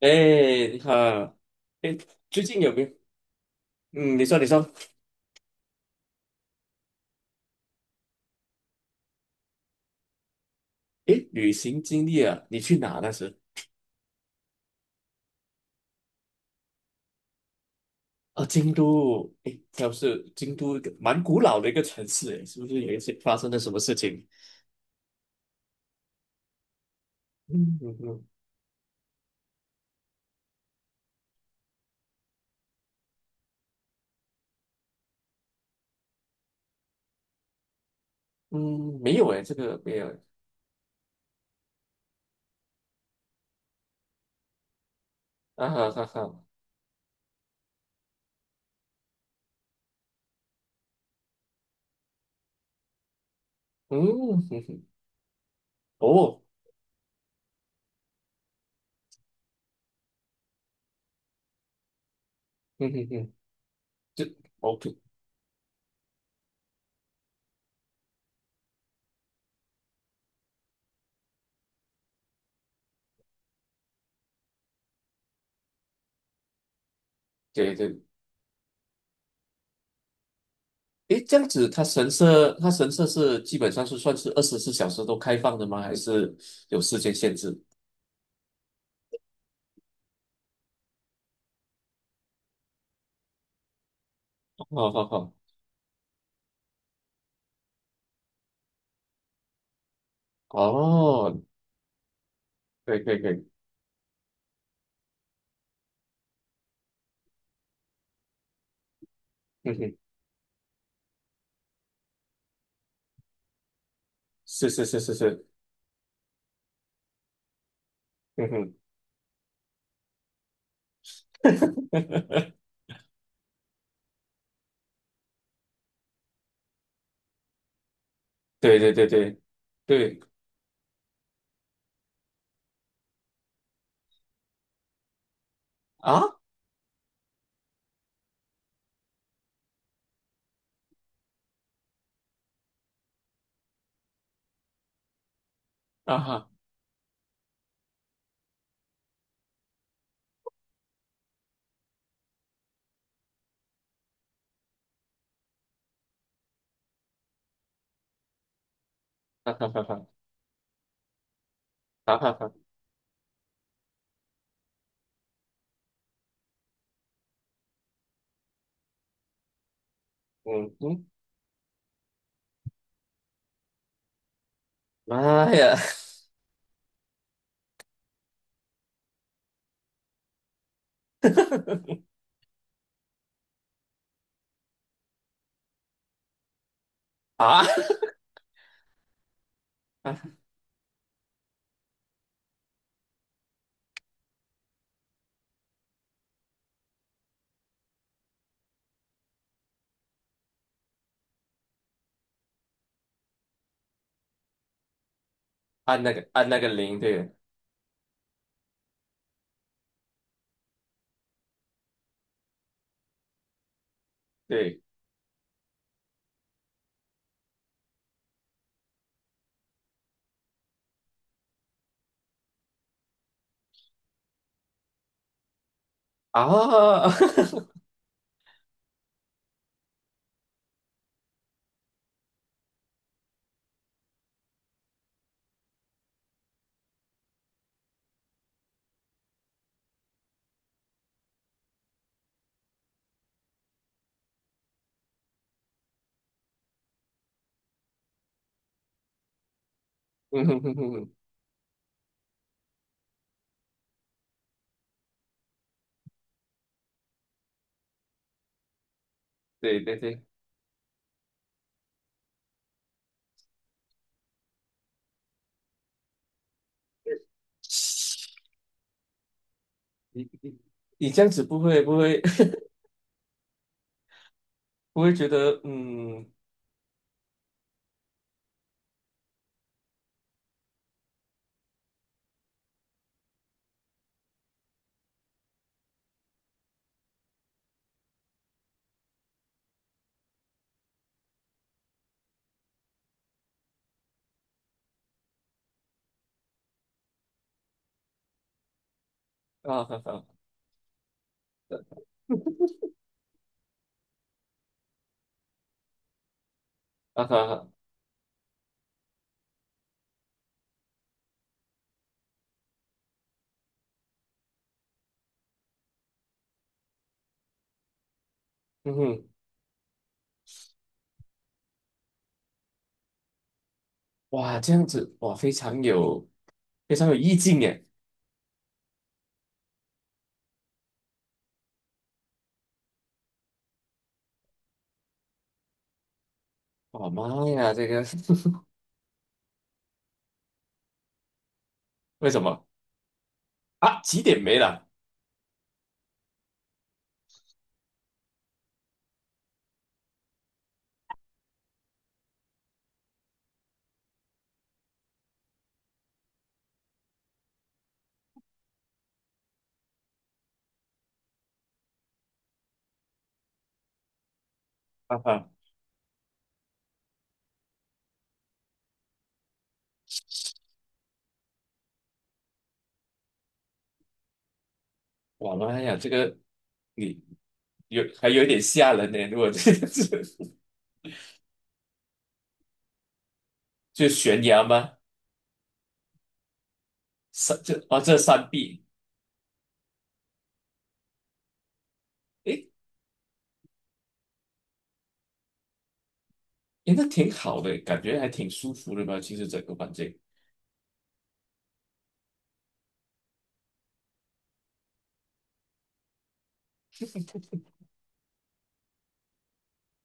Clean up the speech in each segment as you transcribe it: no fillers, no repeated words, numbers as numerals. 哎，你好。哎，最近有没有？嗯，你说，你说。哎，旅行经历啊，你去哪那时？啊，京都，哎，它是京都一个蛮古老的一个城市，哎，是不是有一些发生了什么事情？嗯嗯嗯。嗯，没有哎，这个没有。啊哈哈哈。嗯哼哼。哦。嗯哼哼。这 OK。对对。哎，这样子，它神社是基本上是算是24小时都开放的吗？还是有时间限制？哦好好好。哦，可以可以可以。嗯哼。是是是是是。嗯哼。对对对对对啊。啊哈啊哈哈哈啊哈哈。嗯嗯，妈呀。啊啊按那个铃。对。对啊。嗯哼哼哼哼。对对对。你你你这样子不会不会 不会觉得嗯。啊哈哈。 啊哈哈。嗯哼。哇，这样子，哇，非常有意境耶。哇，妈呀，这个。 为什么啊？几点没了？哈哈。哇，妈呀，这个你还有一点吓人呢。如果这个是。 就悬崖吗？山这啊这山壁。诶诶。那挺好的，感觉还挺舒服的吧？其实整个环境，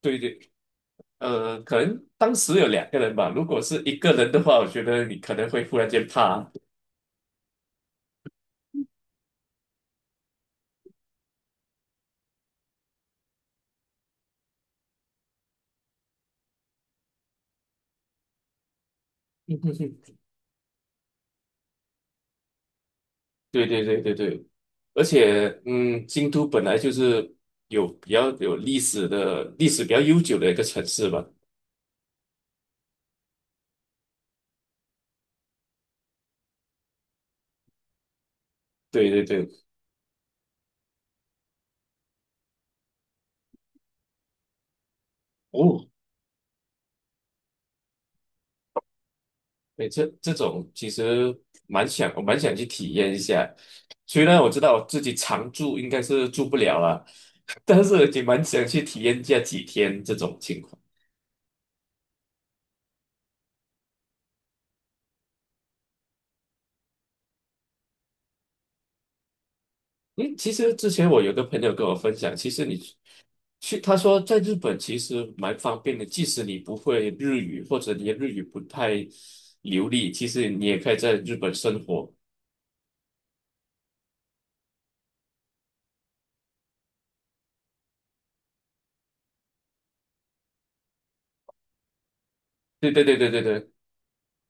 对对。可能当时有两个人吧。如果是一个人的话，我觉得你可能会忽然间怕。对对对对对。而且，嗯，京都本来就是有比较有历史的历史比较悠久的一个城市吧。对对对。哦。哎，这种其实我蛮想去体验一下。虽然我知道我自己常住应该是住不了了。但是也蛮想去体验一下几天这种情况。因为其实之前我有个朋友跟我分享，其实你去，他说在日本其实蛮方便的，即使你不会日语或者你的日语不太流利，其实你也可以在日本生活。对对对对对对。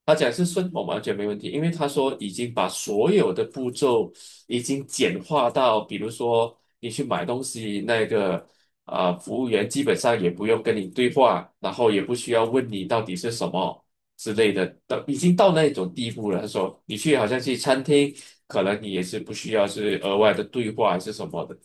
他讲是顺我完全没问题，因为他说已经把所有的步骤已经简化到，比如说你去买东西，服务员基本上也不用跟你对话，然后也不需要问你到底是什么之类的，到已经到那种地步了。他说你去好像去餐厅，可能你也是不需要是额外的对话还是什么的。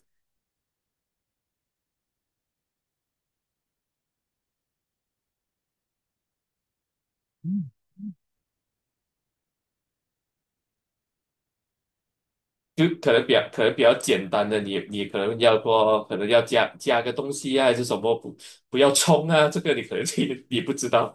就可能比较简单的，你可能要加个东西啊，还是什么不要冲啊，这个你可能 你不知道。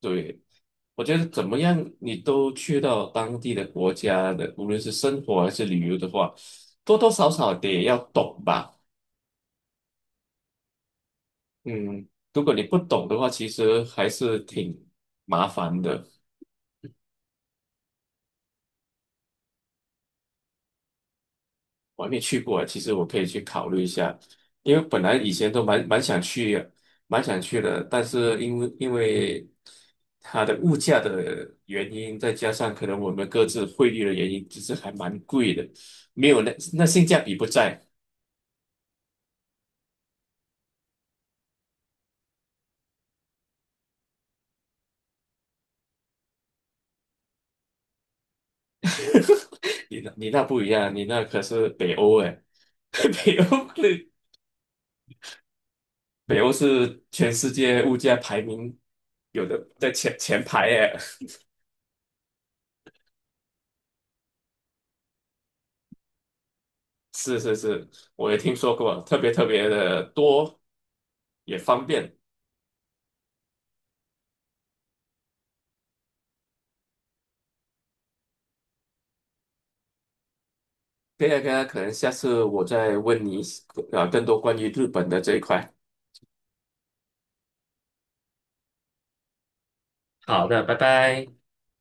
对，我觉得怎么样，你都去到当地的国家的，无论是生活还是旅游的话，多多少少得要懂吧。嗯，如果你不懂的话，其实还是挺麻烦的。我还没去过，其实我可以去考虑一下，因为本来以前都蛮想去的，但是因为它的物价的原因，再加上可能我们各自汇率的原因，其实还蛮贵的，没有那性价比不在。你那不一样，你那可是北欧哎。北欧的北欧是全世界物价排名有的在前排哎。是是是，我也听说过，特别特别的多，也方便。这个呢可以啊可能下次我再问你啊更多关于日本的这一块。好的，拜拜。